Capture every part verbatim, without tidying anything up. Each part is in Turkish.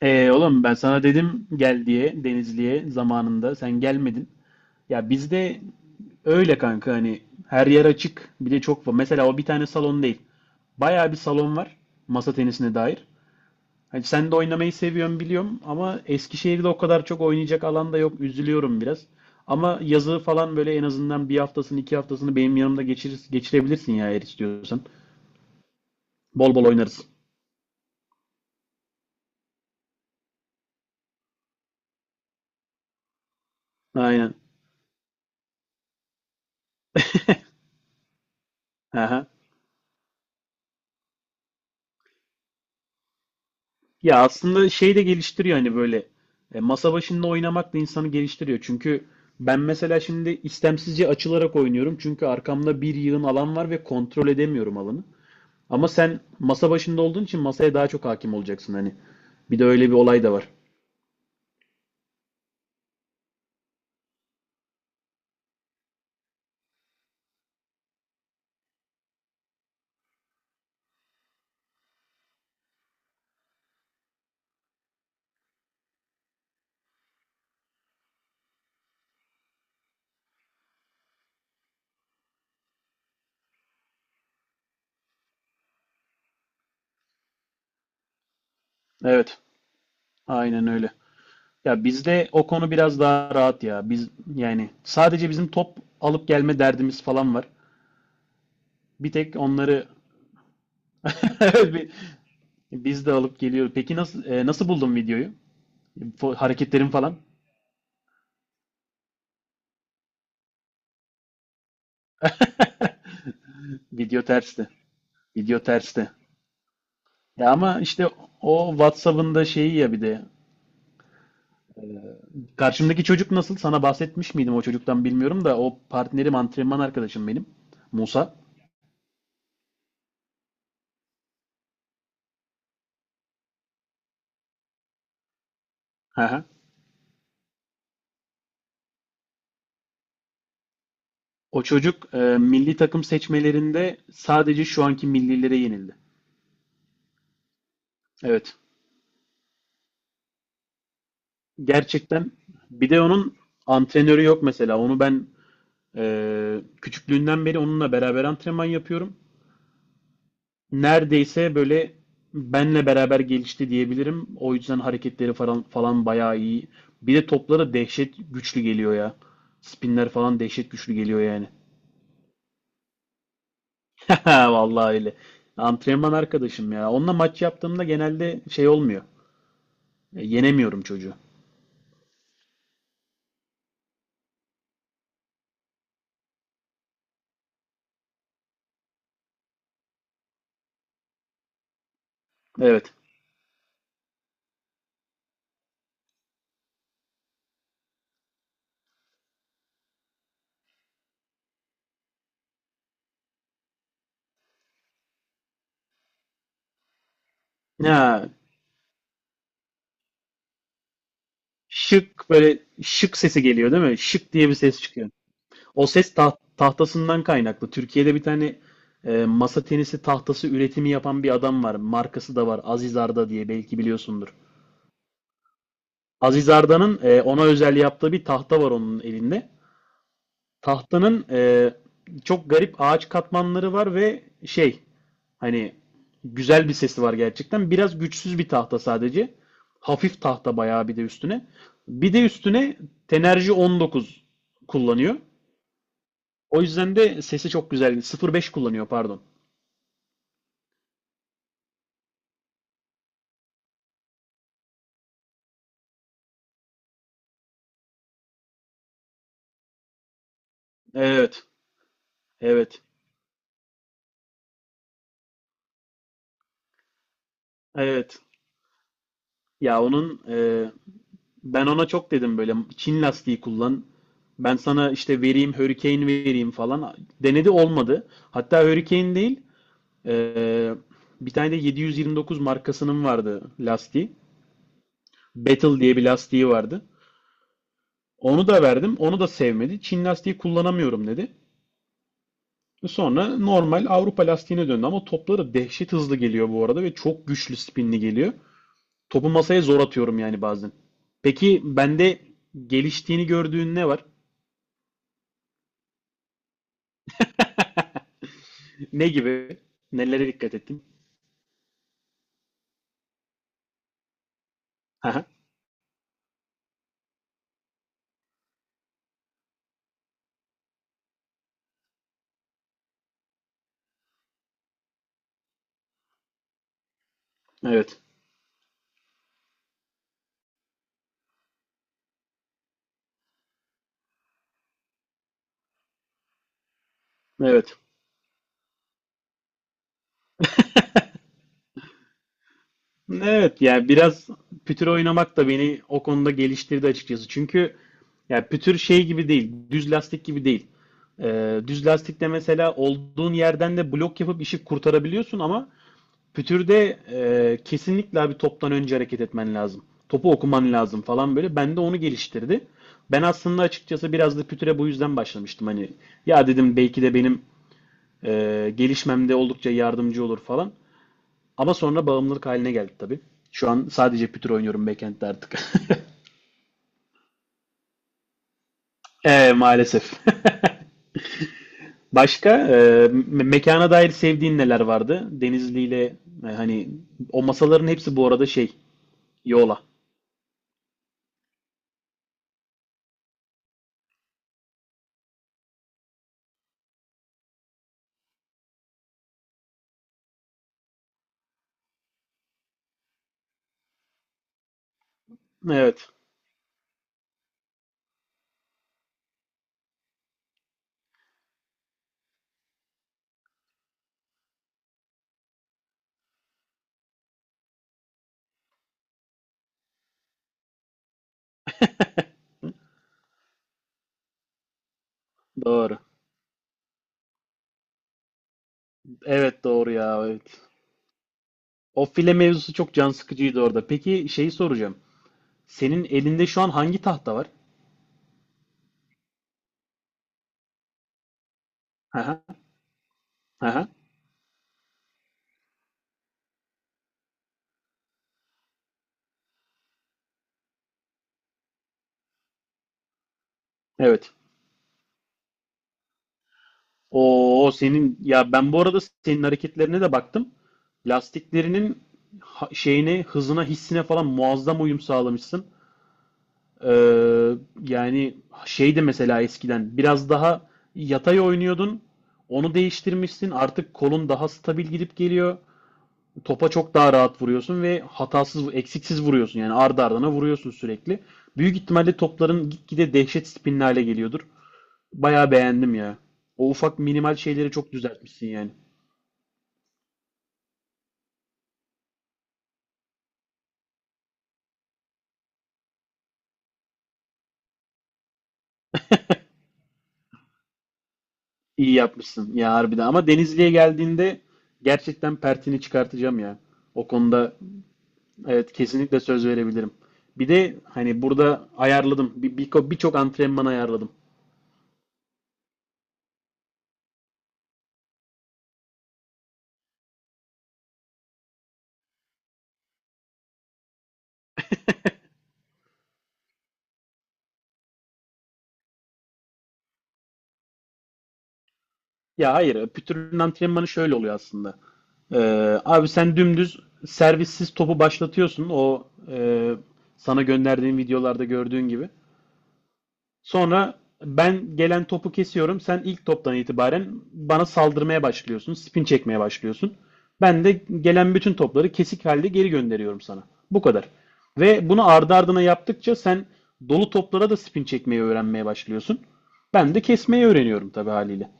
Ee, oğlum ben sana dedim gel diye Denizli'ye zamanında sen gelmedin. Ya bizde öyle kanka, hani her yer açık, bir de çok var. Mesela o bir tane salon değil. Bayağı bir salon var masa tenisine dair. Hani sen de oynamayı seviyorsun biliyorum ama Eskişehir'de o kadar çok oynayacak alan da yok. Üzülüyorum biraz. Ama yazı falan böyle en azından bir haftasını, iki haftasını benim yanımda geçirir, geçirebilirsin ya eğer istiyorsan. Bol bol oynarız. Aynen. Aha. Ya aslında şey de geliştiriyor hani, böyle e, masa başında oynamak da insanı geliştiriyor. Çünkü ben mesela şimdi istemsizce açılarak oynuyorum. Çünkü arkamda bir yığın alan var ve kontrol edemiyorum alanı. Ama sen masa başında olduğun için masaya daha çok hakim olacaksın hani. Bir de öyle bir olay da var. Evet, aynen öyle. Ya bizde o konu biraz daha rahat ya. Biz yani sadece bizim top alıp gelme derdimiz falan var. Bir tek onları bi- biz de alıp geliyoruz. Peki nasıl, e, nasıl buldun videoyu? Hareketlerim falan. Video tersti. Video tersti. Ya ama işte o WhatsApp'ın da şeyi ya bir de. Karşımdaki çocuk nasıl? Sana bahsetmiş miydim o çocuktan bilmiyorum da o partnerim, antrenman arkadaşım benim. Musa. Hı. O çocuk e, milli takım seçmelerinde sadece şu anki millilere yenildi. Evet. Gerçekten bir de onun antrenörü yok mesela. Onu ben e, küçüklüğünden beri onunla beraber antrenman yapıyorum. Neredeyse böyle benle beraber gelişti diyebilirim. O yüzden hareketleri falan falan bayağı iyi. Bir de topları dehşet güçlü geliyor ya. Spinler falan dehşet güçlü geliyor yani. Vallahi öyle. Antrenman arkadaşım ya. Onunla maç yaptığımda genelde şey olmuyor. E, Yenemiyorum çocuğu. Evet. Ya şık, böyle şık sesi geliyor değil mi? Şık diye bir ses çıkıyor. O ses taht- tahtasından kaynaklı. Türkiye'de bir tane e, masa tenisi tahtası üretimi yapan bir adam var. Markası da var. Aziz Arda diye, belki biliyorsundur. Aziz Arda'nın e, ona özel yaptığı bir tahta var onun elinde. Tahtanın e, çok garip ağaç katmanları var ve şey, hani güzel bir sesi var gerçekten. Biraz güçsüz bir tahta sadece. Hafif tahta bayağı, bir de üstüne. Bir de üstüne Tenerji on dokuz kullanıyor. O yüzden de sesi çok güzel. sıfır nokta beş kullanıyor, pardon. Evet. Evet. Evet. Ya onun e, ben ona çok dedim böyle, Çin lastiği kullan. Ben sana işte vereyim, Hurricane vereyim falan. Denedi, olmadı. Hatta Hurricane değil, e, bir tane de yedi yüz yirmi dokuz markasının vardı lastiği. Battle diye bir lastiği vardı. Onu da verdim. Onu da sevmedi. Çin lastiği kullanamıyorum dedi. Sonra normal Avrupa lastiğine döndü ama topları dehşet hızlı geliyor bu arada ve çok güçlü spinli geliyor. Topu masaya zor atıyorum yani bazen. Peki bende geliştiğini gördüğün ne var? Ne gibi? Nelere dikkat ettin? Aha, evet. Evet. Evet yani biraz pütür oynamak da beni o konuda geliştirdi açıkçası. Çünkü yani pütür şey gibi değil, düz lastik gibi değil. Ee, düz lastikte mesela olduğun yerden de blok yapıp işi kurtarabiliyorsun ama Pütür'de e, kesinlikle abi toptan önce hareket etmen lazım. Topu okuman lazım falan böyle. Ben de onu geliştirdi. Ben aslında açıkçası biraz da Pütür'e bu yüzden başlamıştım. Hani ya dedim, belki de benim e, gelişmemde oldukça yardımcı olur falan. Ama sonra bağımlılık haline geldi tabii. Şu an sadece Pütür oynuyorum backend'de artık. E, maalesef. Başka e, me- mekana dair sevdiğin neler vardı? Denizli ile e, hani o masaların hepsi bu arada şey, Yola. Evet, doğru. Evet doğru ya, evet. O file mevzusu çok can sıkıcıydı orada. Peki şeyi soracağım. Senin elinde şu an hangi tahta var? Aha, aha. Evet. O senin, ya ben bu arada senin hareketlerine de baktım. Lastiklerinin ha- şeyine, hızına, hissine falan muazzam uyum sağlamışsın. Ee, Yani şey de mesela eskiden biraz daha yatay oynuyordun. Onu değiştirmişsin. Artık kolun daha stabil gidip geliyor. Topa çok daha rahat vuruyorsun ve hatasız, eksiksiz vuruyorsun. Yani ardı ardına vuruyorsun sürekli. Büyük ihtimalle topların gitgide dehşet spinli hale geliyordur. Bayağı beğendim ya. O ufak minimal şeyleri çok düzeltmişsin yani. İyi yapmışsın ya, harbiden. Ama Denizli'ye geldiğinde gerçekten pertini çıkartacağım ya. O konuda evet, kesinlikle söz verebilirim. Bir de hani burada ayarladım. Bir, bir, birçok antrenman ayarladım. Ya hayır, pütürün antrenmanı şöyle oluyor aslında. Ee, abi sen dümdüz servissiz topu başlatıyorsun, o e, sana gönderdiğim videolarda gördüğün gibi. Sonra ben gelen topu kesiyorum. Sen ilk toptan itibaren bana saldırmaya başlıyorsun, spin çekmeye başlıyorsun. Ben de gelen bütün topları kesik halde geri gönderiyorum sana. Bu kadar. Ve bunu ardı ardına yaptıkça sen dolu toplara da spin çekmeyi öğrenmeye başlıyorsun. Ben de kesmeyi öğreniyorum tabii haliyle.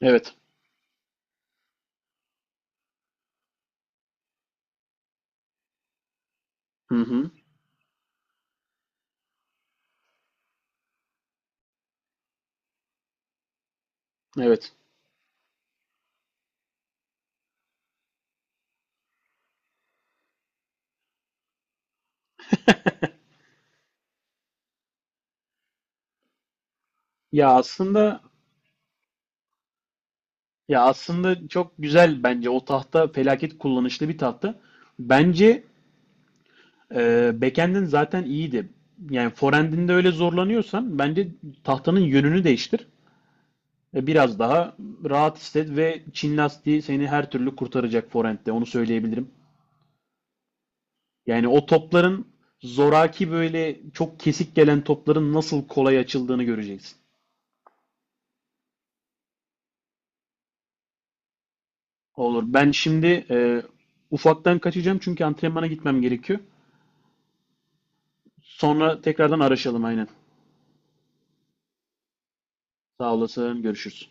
Evet. Hı hı. Evet. Ya aslında Ya aslında çok güzel, bence o tahta felaket kullanışlı bir tahta. Bence e, backend'in zaten iyiydi. Yani forend'inde öyle zorlanıyorsan bence tahtanın yönünü değiştir. E, biraz daha rahat hisset ve Çin lastiği seni her türlü kurtaracak forend'de, onu söyleyebilirim. Yani o topların, zoraki böyle çok kesik gelen topların nasıl kolay açıldığını göreceksin. Olur. Ben şimdi e, ufaktan kaçacağım çünkü antrenmana gitmem gerekiyor. Sonra tekrardan araşalım, aynen. Sağ olasın. Görüşürüz.